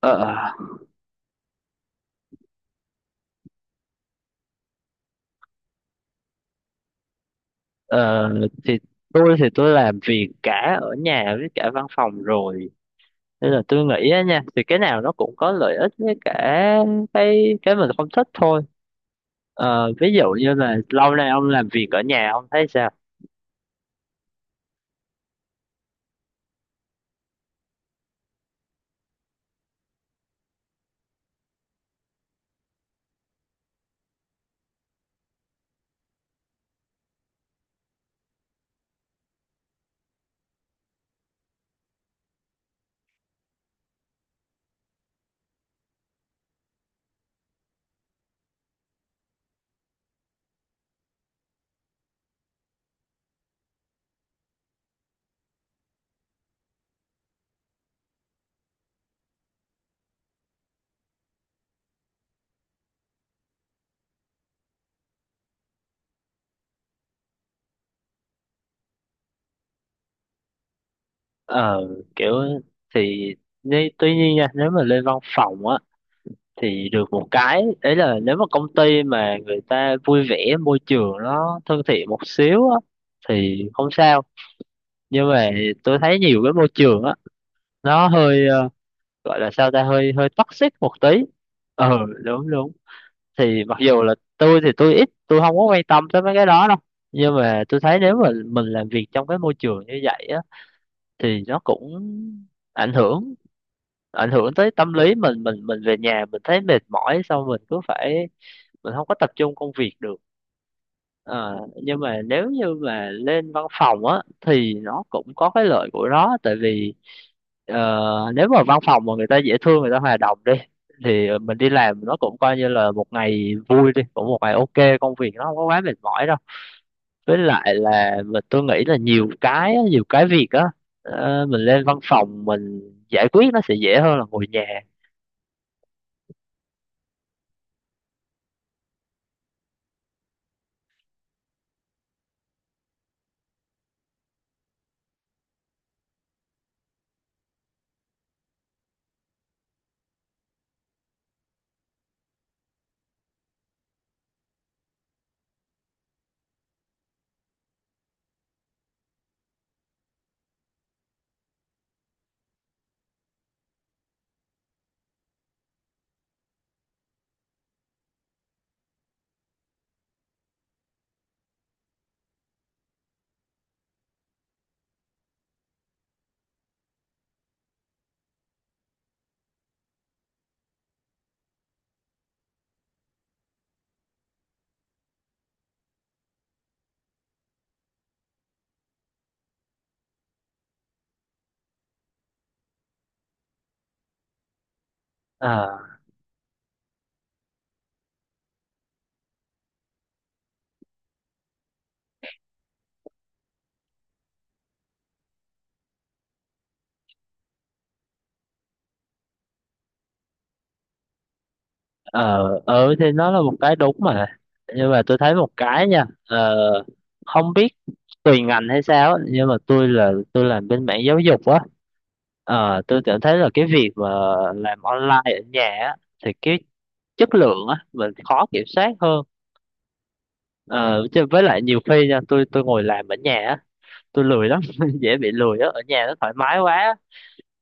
Ờ, ờ, thì thì tôi làm việc cả ở nhà với cả văn phòng rồi, nên là tôi nghĩ á nha thì cái nào nó cũng có lợi ích với cả cái mình không thích thôi. Ví dụ như là lâu nay ông làm việc ở nhà ông thấy sao? ờ, Kiểu thì tuy nhiên nha, nếu mà lên văn phòng á thì được một cái đấy là nếu mà công ty mà người ta vui vẻ, môi trường nó thân thiện một xíu á thì không sao. Nhưng mà tôi thấy nhiều cái môi trường á nó hơi gọi là sao ta, hơi hơi toxic một tí. Ừ, đúng đúng. Thì mặc dù là tôi thì tôi ít tôi không có quan tâm tới mấy cái đó đâu, nhưng mà tôi thấy nếu mà mình làm việc trong cái môi trường như vậy á thì nó cũng ảnh hưởng ảnh hưởng tới tâm lý mình về nhà mình thấy mệt mỏi, xong mình cứ phải mình không có tập trung công việc được. Ờ, nhưng mà nếu như mà lên văn phòng á thì nó cũng có cái lợi của nó, tại vì ờ, nếu mà văn phòng mà người ta dễ thương, người ta hòa đồng đi, thì mình đi làm nó cũng coi như là một ngày vui đi, cũng một ngày ok, công việc nó không có quá mệt mỏi đâu. Với lại là tôi nghĩ là nhiều cái việc á mình lên văn phòng mình giải quyết nó sẽ dễ hơn là ngồi nhà. ờ ờ, thì nó là một cái đúng mà, nhưng mà tôi thấy một cái nha. Ờ, Không biết tùy ngành hay sao á, nhưng mà tôi là tôi làm bên mảng giáo dục á. Tôi cảm thấy là cái việc mà làm online ở nhà á thì cái chất lượng á mình khó kiểm soát hơn. Ờ, Chứ với lại nhiều khi nha, tôi ngồi làm ở nhà á tôi lười lắm. Dễ bị lười á, ở nhà nó thoải mái quá á.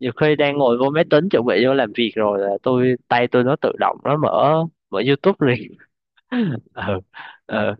Nhiều khi đang ngồi vô máy tính chuẩn bị vô làm việc rồi là tôi tay tôi nó tự động nó mở mở YouTube liền. ừ, ừ,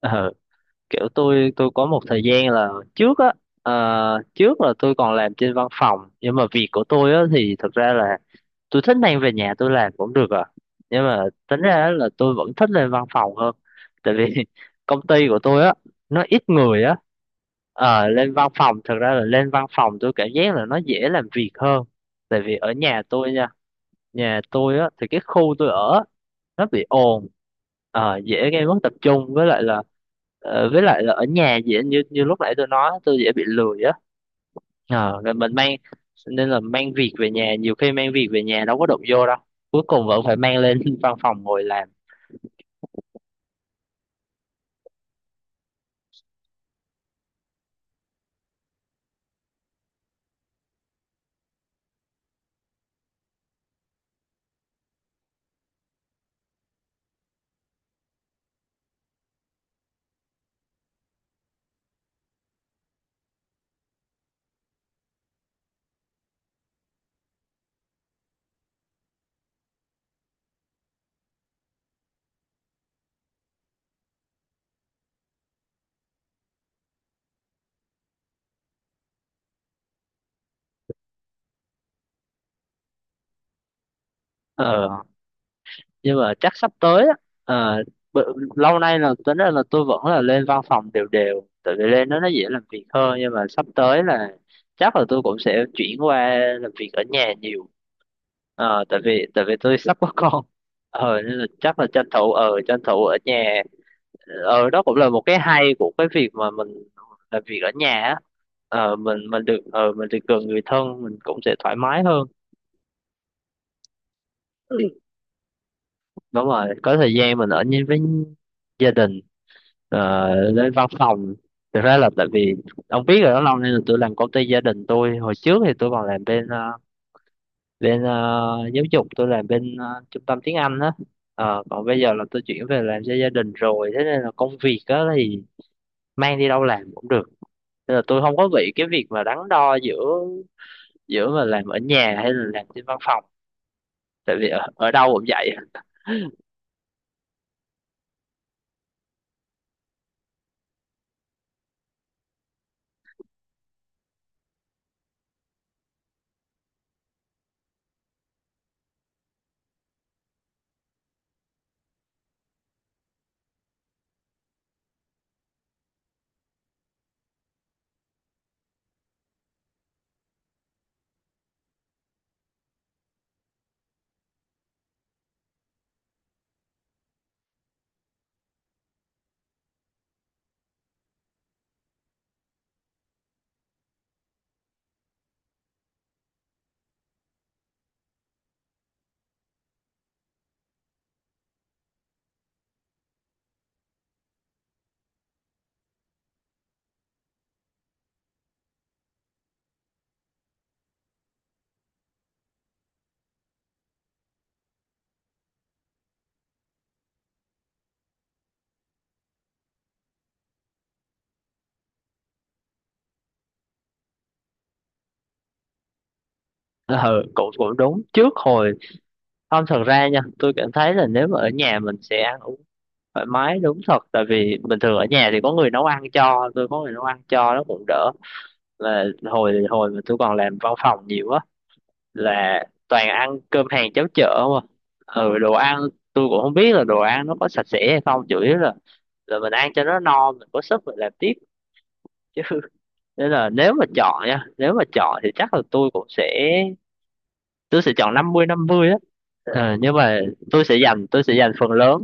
ừ. Kiểu tôi có một thời gian là trước á, ờ, trước là tôi còn làm trên văn phòng nhưng mà việc của tôi á thì thật ra là tôi thích mang về nhà tôi làm cũng được à. Nhưng mà tính ra á là tôi vẫn thích lên văn phòng hơn, tại vì công ty của tôi á nó ít người á. Ờ, lên văn phòng, thật ra là lên văn phòng tôi cảm giác là nó dễ làm việc hơn. Tại vì ở nhà tôi, nhà tôi á thì cái khu tôi ở á nó bị ồn, dễ gây mất tập trung. Với lại là với lại là ở nhà dễ, như như lúc nãy tôi nói tôi dễ bị lười á. Ờ, rồi mình mang, nên là mang việc về nhà, nhiều khi mang việc về nhà đâu có đụng vô đâu, cuối cùng vẫn phải mang lên văn phòng ngồi làm. Ờ, nhưng mà chắc sắp tới á ờ, lâu nay là tính ra là tôi vẫn là lên văn phòng đều đều tại vì lên đó nó dễ làm việc hơn, nhưng mà sắp tới là chắc là tôi cũng sẽ chuyển qua làm việc ở nhà nhiều. Ờ, tại vì tôi sắp có con. Ờ nên là chắc là tranh thủ ở nhà. Ờ, đó cũng là một cái hay của cái việc mà mình làm việc ở nhà á. Ờ mình được, mình được gần người thân mình cũng sẽ thoải mái hơn. Ừ, đúng rồi, có thời gian mình ở với gia đình. Lên văn phòng thực ra là tại vì ông biết rồi đó, lâu nay là tôi làm công ty gia đình tôi. Hồi trước thì tôi còn làm bên bên, giáo dục, tôi làm bên trung tâm tiếng Anh đó. Ờ, còn bây giờ là tôi chuyển về làm cho gia đình rồi, thế nên là công việc đó thì mang đi đâu làm cũng được, nên là tôi không có bị cái việc mà đắn đo giữa giữa mà làm ở nhà hay là làm trên văn phòng, tại vì ở đâu cũng vậy. À, ừ, cũng cũng đúng. Trước hồi Không, thật ra nha, tôi cảm thấy là nếu mà ở nhà mình sẽ ăn uống thoải mái đúng thật. Tại vì bình thường ở nhà thì có người nấu ăn cho, nó cũng đỡ. Là hồi hồi mà tôi còn làm văn phòng nhiều á, là toàn ăn cơm hàng cháo chợ mà. Ừ, đồ ăn tôi cũng không biết là đồ ăn nó có sạch sẽ hay không, chủ yếu là mình ăn cho nó no, mình có sức mình làm tiếp. Chứ nên là nếu mà chọn nha, nếu mà chọn thì chắc là tôi sẽ chọn 50-50 á. Ờ, nhưng mà tôi sẽ dành phần lớn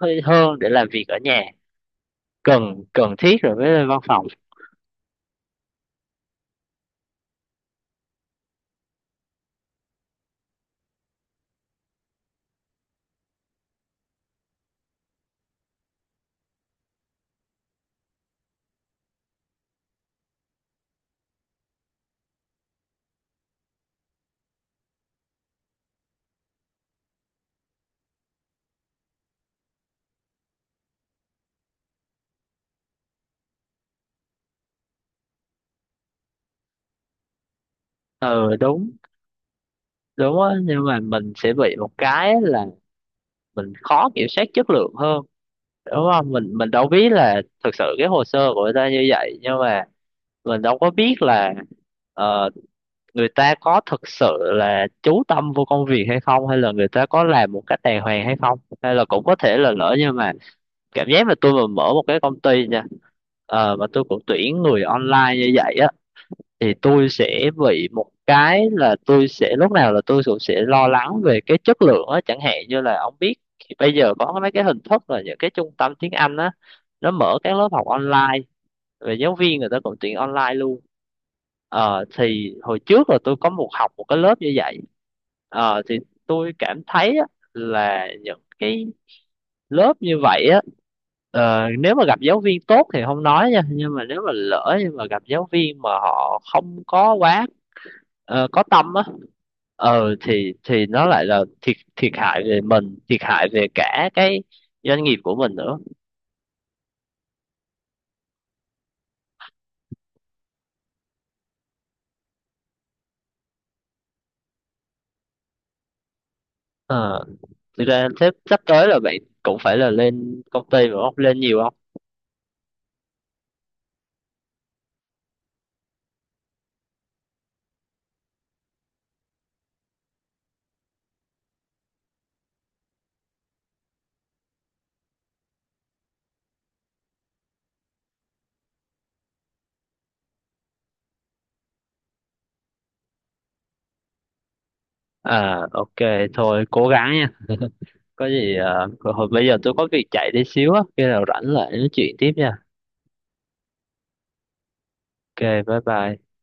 hơi hơn để làm việc ở nhà, cần cần thiết rồi mới lên văn phòng. Ừ đúng, đúng á, nhưng mà mình sẽ bị một cái là mình khó kiểm soát chất lượng hơn, đúng không? Mình đâu biết là thực sự cái hồ sơ của người ta như vậy nhưng mà mình đâu có biết là ờ, người ta có thực sự là chú tâm vô công việc hay không, hay là người ta có làm một cách đàng hoàng hay không, hay là cũng có thể là lỡ nhưng mà cảm giác là tôi mà mở một cái công ty nha, mà tôi cũng tuyển người online như vậy á thì tôi sẽ bị một cái là tôi sẽ lúc nào là tôi cũng sẽ lo lắng về cái chất lượng á. Chẳng hạn như là ông biết bây giờ có mấy cái hình thức là những cái trung tâm tiếng Anh á, nó mở các lớp học online, về giáo viên người ta cũng tuyển online luôn. Ờ, thì hồi trước là tôi có học một cái lớp như vậy. Ờ, thì tôi cảm thấy á là những cái lớp như vậy á nếu mà gặp giáo viên tốt thì không nói nha, nhưng mà gặp giáo viên mà họ không có quá có tâm á, ờ thì nó lại là thiệt, thiệt hại về mình thiệt hại về cả cái doanh nghiệp của mình nữa. Ờ, thực ra sắp sắp tới là bạn cũng phải là lên công ty mà không, lên nhiều không? À ok, thôi cố gắng nha. Có gì ờ, hồi bây giờ tôi có việc chạy đi xíu á, khi nào rảnh lại nói chuyện tiếp nha. Ok, bye bye.